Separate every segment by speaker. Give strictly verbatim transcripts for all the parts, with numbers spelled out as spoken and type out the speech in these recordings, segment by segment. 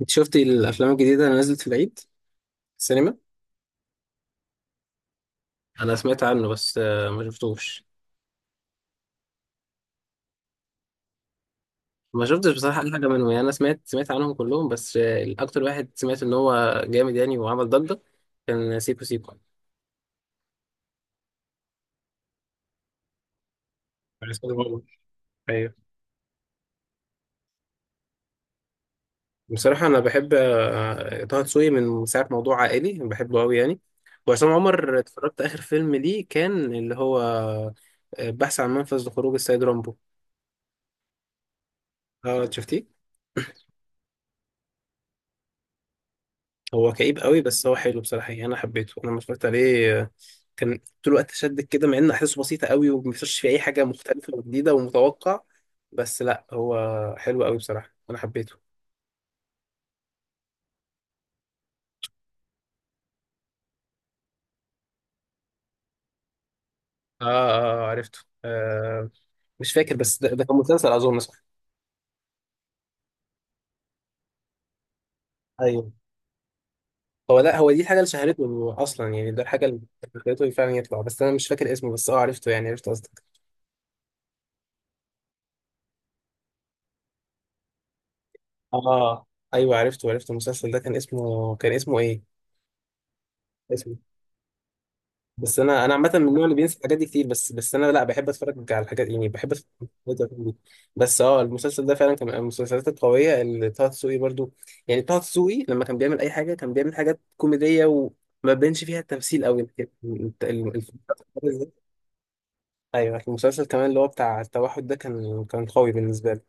Speaker 1: انت شفتي الافلام الجديده اللي نزلت في العيد في السينما. انا سمعت عنه بس آه، ما شفتوش. ما شفتش بصراحه اي حاجه منهم، يعني انا سمعت سمعت عنهم كلهم بس آه، الاكتر واحد سمعت ان هو جامد يعني وعمل ضجه. كان سيكو سيكو بتاع عصام عمر. ايوه، بصراحه انا بحب آه، طه دسوقي من ساعه موضوع عائلي، بحبه قوي يعني. وعصام عمر اتفرجت اخر فيلم ليه كان اللي هو آه، بحث عن منفذ لخروج السيد رامبو. اه شفتيه؟ هو كئيب قوي بس هو حلو بصراحة يعني، أنا حبيته. أنا لما اتفرجت عليه آه، كان طول الوقت شدك كده، مع إن أحداثه بسيطة قوي وما فيش فيه أي حاجة مختلفة وجديدة ومتوقع. بس لا، هو حلو قوي بصراحة، أنا حبيته. آه. آه عرفته. آه. مش فاكر، بس ده, ده كان مسلسل أظن، صح؟ أيوه. هو لا، هو دي الحاجة اللي شهرته أصلا يعني، ده الحاجة اللي خلته فعلا يطلع، بس أنا مش فاكر اسمه، بس أه عرفته يعني، عرفت قصدك. آه. أيوه عرفته، عرفت المسلسل ده. كان اسمه، كان اسمه إيه؟ اسمه. بس انا انا عامه من النوع اللي بينسى الحاجات دي كتير، بس بس انا لا بحب اتفرج على الحاجات يعني، بحب اتفرج على الحاجات دي. بس اه، المسلسل ده فعلا كان من المسلسلات القويه اللي طه دسوقي برضو، يعني طه دسوقي لما كان بيعمل اي حاجه كان بيعمل حاجات كوميديه وما بيبانش فيها التمثيل قوي ال- ال- ال- ايوه. المسلسل كمان اللي هو بتاع التوحد ده كان كان قوي بالنسبه لي.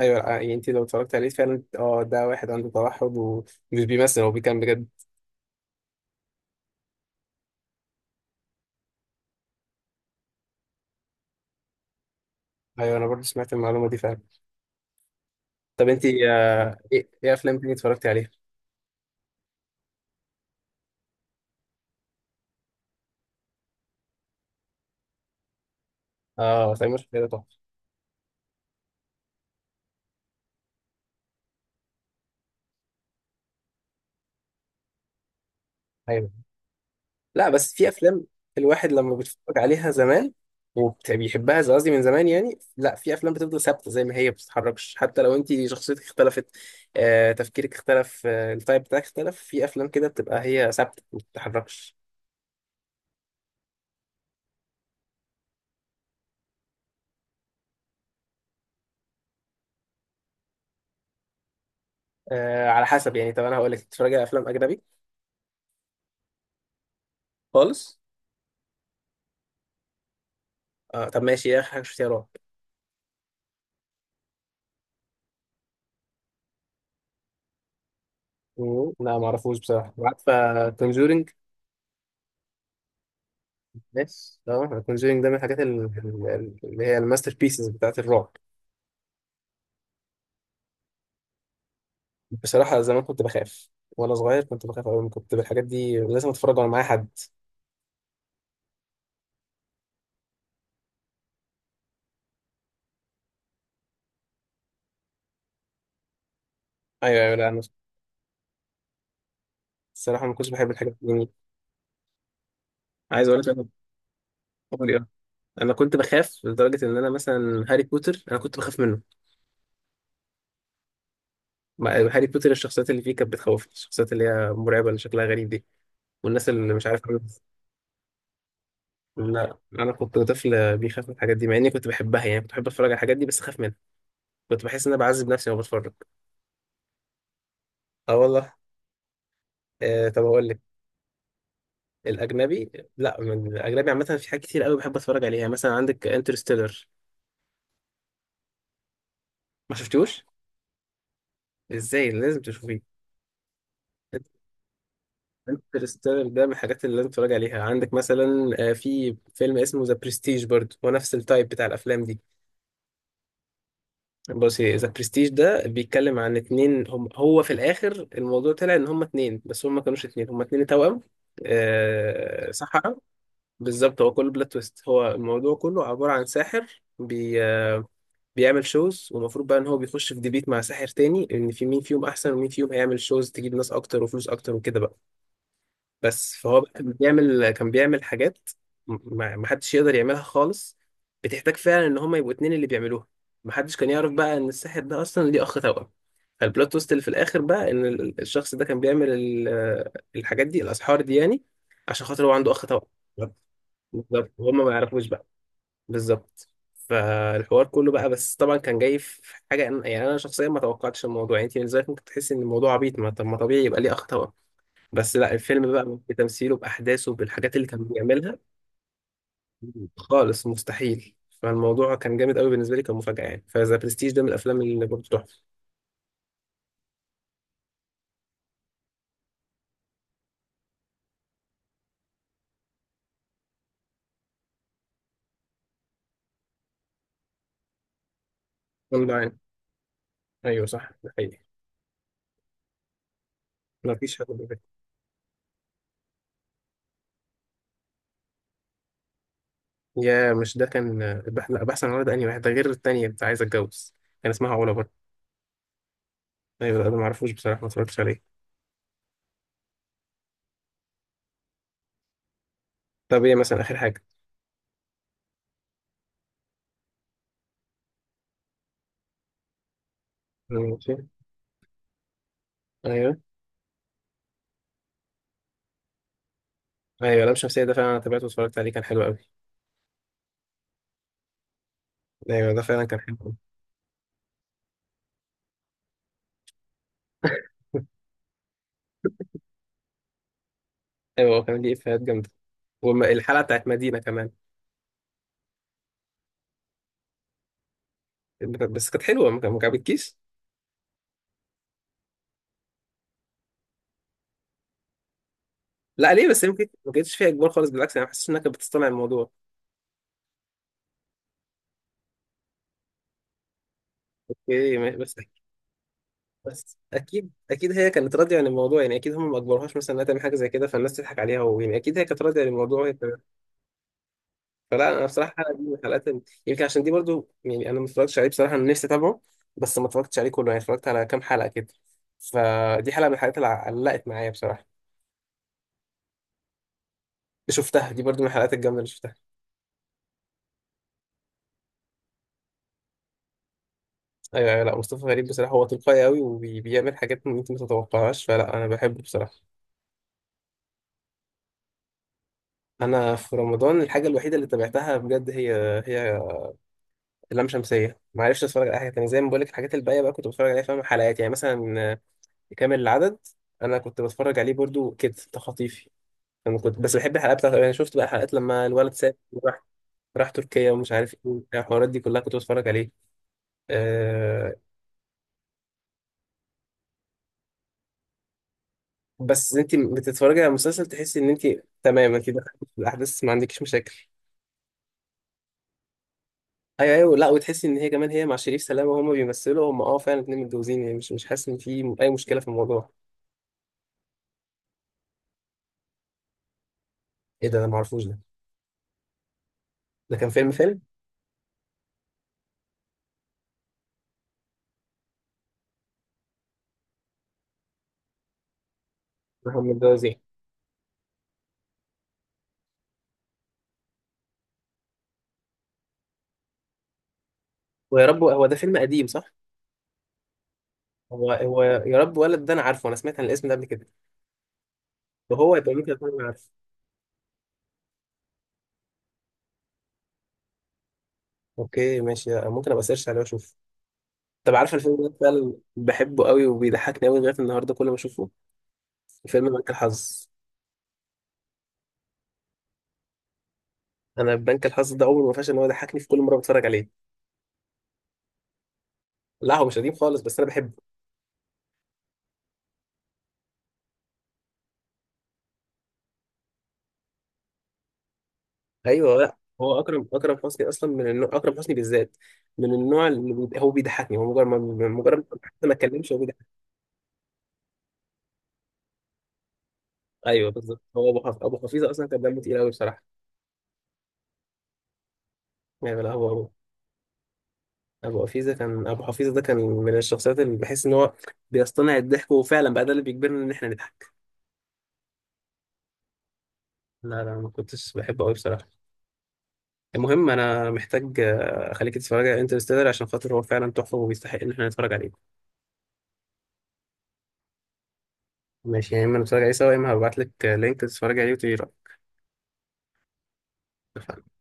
Speaker 1: ايوه آه، يعني انت لو اتفرجت عليه فعلا، اه ده واحد عنده توحد ومش بيمثل، هو بيكمل بجد. ايوه، انا برضو سمعت المعلومه دي فعلا. طب انت آه، ايه، ايه افلام تاني اتفرجتي عليها؟ اه سمير وشهير وبهير تحفه. ايوه. لا، بس في افلام الواحد لما بيتفرج عليها زمان وبيحبها، زي قصدي من زمان يعني، لا في افلام بتفضل ثابته زي ما هي، ما بتتحركش. حتى لو انت شخصيتك اختلفت، آه، تفكيرك اختلف، آه، التايب بتاعك اختلف، في افلام كده بتبقى هي ثابته ما بتتحركش. آه، على حسب يعني. طب انا هقول لك، بتتفرج على افلام اجنبي؟ خالص. آه طب ماشي، ايه اخر حاجه شفتيها رعب؟ مم، لا ما اعرفوش بصراحه. عارفه كونجورينج؟ ماشي، اه كونجورينج ده من الحاجات ال- ال- اللي هي الماستر بيسز بتاعت الرعب. بصراحة زمان كنت بخاف وأنا صغير، كنت بخاف أوي، كنت بالحاجات دي لازم أتفرج وأنا معايا حد. أيوه أيوه. لا أنا الصراحة ما كنتش بحب الحاجات دي. عايز أقول لك أنا عمري أه، أنا كنت بخاف لدرجة إن أنا مثلا هاري بوتر أنا كنت بخاف منه. مع- هاري بوتر الشخصيات اللي فيه كانت بتخوفني، الشخصيات اللي هي مرعبة اللي شكلها غريب دي والناس اللي مش عارف مين. لا أنا كنت طفل بيخاف من الحاجات دي مع إني كنت بحبها يعني، كنت بحب أتفرج على الحاجات دي بس أخاف منها، كنت بحس إن أنا بعذب نفسي وأنا بتفرج. أه والله. آه طب أقول لك، الاجنبي، لا من الاجنبي عامه في حاجات كتير قوي بحب اتفرج عليها. يعني مثلا عندك انترستيلر. ما شفتوش؟ ازاي؟ لازم تشوفيه. انترستيلر ده من الحاجات اللي لازم تتفرج عليها. عندك مثلا آه، في فيلم اسمه ذا برستيج، برضه هو نفس التايب بتاع الافلام دي. بص، ذا برستيج ده بيتكلم عن اتنين. هم هو في الاخر الموضوع طلع ان هم اتنين، بس هم ما كانوش اتنين، هم اتنين توأم، آه، سحرة. بالظبط، هو كله بلوت تويست. هو الموضوع كله عبارة عن ساحر بي بيعمل شوز، والمفروض بقى ان هو بيخش في ديبيت مع ساحر تاني، ان في مين فيهم احسن ومين فيهم هيعمل شوز تجيب ناس اكتر وفلوس اكتر وكده بقى. بس فهو بقى كان بيعمل كان بيعمل حاجات ما ما حدش يقدر يعملها خالص، بتحتاج فعلا ان هما يبقوا اتنين اللي بيعملوها. ما حدش كان يعرف بقى ان الساحر ده اصلا ليه اخ توأم. فالبلوت تويست اللي في الاخر بقى ان ال- الشخص ده كان بيعمل ال- الحاجات دي الاسحار دي يعني، عشان خاطر هو عنده اخ توأم. بالظبط، وهم ما يعرفوش. بالظبط. فالحوار كله بقى، بس طبعا كان جاي في حاجه أنا- يعني انا شخصيا ما توقعتش الموضوع، يعني انت من ذلك ممكن تحس ان الموضوع عبيط، ما طب ما طبيعي يبقى ليه اخ توأم. بس لا، الفيلم بقى بتمثيله باحداثه بالحاجات اللي كان بيعملها خالص مستحيل. فالموضوع كان جامد قوي بالنسبه لي، كان مفاجاه يعني. فذا برستيج ده من الافلام اللي برضه تحفه. جامدة يعني. ايوه صح، ده حقيقي. ما فيش حد بيبقى. يا مش ده كان البحث، لا بحث عن ولد، انهي واحد ده غير التانية بتاع عايز اتجوز. كان اسمها علا برضه. ايوه ده أنا ما اعرفوش بصراحه، ما اتفرجتش عليه. طب ايه مثلا اخر حاجه؟ ماشي. ايوه. ايوه لام شمسية ده فعلا انا تابعته واتفرجت عليه، كان حلو قوي. ايوه ده فعلا كان حلو أوي. ايوه هو كان دي افيهات جامدة، والحلقة بتاعت مدينة كمان. بس كانت حلوة، ما كان- ما عجبتكيش؟ لا ليه بس؟ يمكن ما كانتش فيها اجبار خالص، بالعكس انا حاسس انها كانت بتصطنع الموضوع. ايه ما- بس. بس اكيد، اكيد هي كانت راضية عن الموضوع يعني، اكيد هم ما اجبروهاش مثلا انها تعمل حاجة زي كده فالناس تضحك عليها، ويعني اكيد هي كانت راضية عن الموضوع. فلا انا بصراحه الحلقه دي من الحلقات ال- يمكن عشان دي برضو، يعني انا ما اتفرجتش عليه بصراحه، انا نفسي اتابعه بس ما اتفرجتش عليه كله يعني، اتفرجت على كام حلقه كده. فدي حلقه من الحلقات اللي علقت معايا بصراحه. شفتها دي برضو من الحلقات الجامده اللي شفتها. ايوه ايوه. لا مصطفى غريب بصراحه هو تلقائي قوي وبيعمل حاجات ممكن ما تتوقعهاش، فلا انا بحبه بصراحه. انا في رمضان الحاجه الوحيده اللي تابعتها بجد هي هي لام شمسيه. ما عرفتش اتفرج على أي حاجه تانية، زي ما بقول لك الحاجات الباقيه بقى كنت بتفرج عليها فاهم، حلقات يعني مثلا آه، كامل العدد انا كنت بتفرج عليه برضو كده تخطيفي. انا كنت بس بحب الحلقات بتاعت انا شفت بقى حلقات لما الولد ساب وراح، راح تركيا ومش عارف ايه وبتاع، الحوارات دي كلها كنت بتفرج عليه. أه. بس انت بتتفرجي على مسلسل تحسي ان انت تمام، انت دخلت في الاحداث ما عندكيش مشاكل. ايوه ايوه. لا وتحسي ان هي كمان هي مع شريف سلامه، وهما بيمثلوا هم اه فعلا اتنين متجوزين يعني، مش مش حاسس ان في اي مشكله في الموضوع. ايه ده انا ما اعرفوش ده. ده كان فيلم فيلم هم متجوزين. ويا رب، هو ده فيلم قديم صح؟ هو هو يا رب ولد ده انا عارفه، انا سمعت عن الاسم ده قبل كده، وهو يبقى ممكن اكون عارفه. اوكي ماشي، ممكن ابقى سيرش عليه واشوف. طب عارف الفيلم ده فعلا بحبه قوي وبيضحكني قوي لغايه النهارده كل ما اشوفه، فيلم بنك الحظ. انا بنك الحظ ده عمره ما فاش ان هو يضحكني في كل مره بتفرج عليه. لا هو مش قديم خالص بس انا بحبه. ايوه لا هو اكرم اكرم حسني، اصلا من النوع اكرم حسني بالذات، من النوع اللي بي... هو بيضحكني، هو مجرد ما... مجرد ما حتى ما اتكلمش هو بيضحك. ايوه بالظبط، هو ابو حف... ابو حفيظه اصلا كان دمه تقيل قوي بصراحه. يعني لا هو ابو ابو حفيظه كان، ابو حفيظه ده كان من الشخصيات اللي بحس ان هو بيصطنع الضحك، وفعلا بقى ده اللي بيجبرنا ان احنا نضحك. لا لا، ما كنتش بحبه قوي بصراحه. المهم انا محتاج آه، اخليك تتفرج على انترستيلر عشان خاطر هو فعلا تحفه وبيستحق ان احنا نتفرج عليه. ماشي، يا اما نتفرج عليه سوا يا اما هبعت لك لينك تتفرج عليه وتقولي رايك. اتفقنا.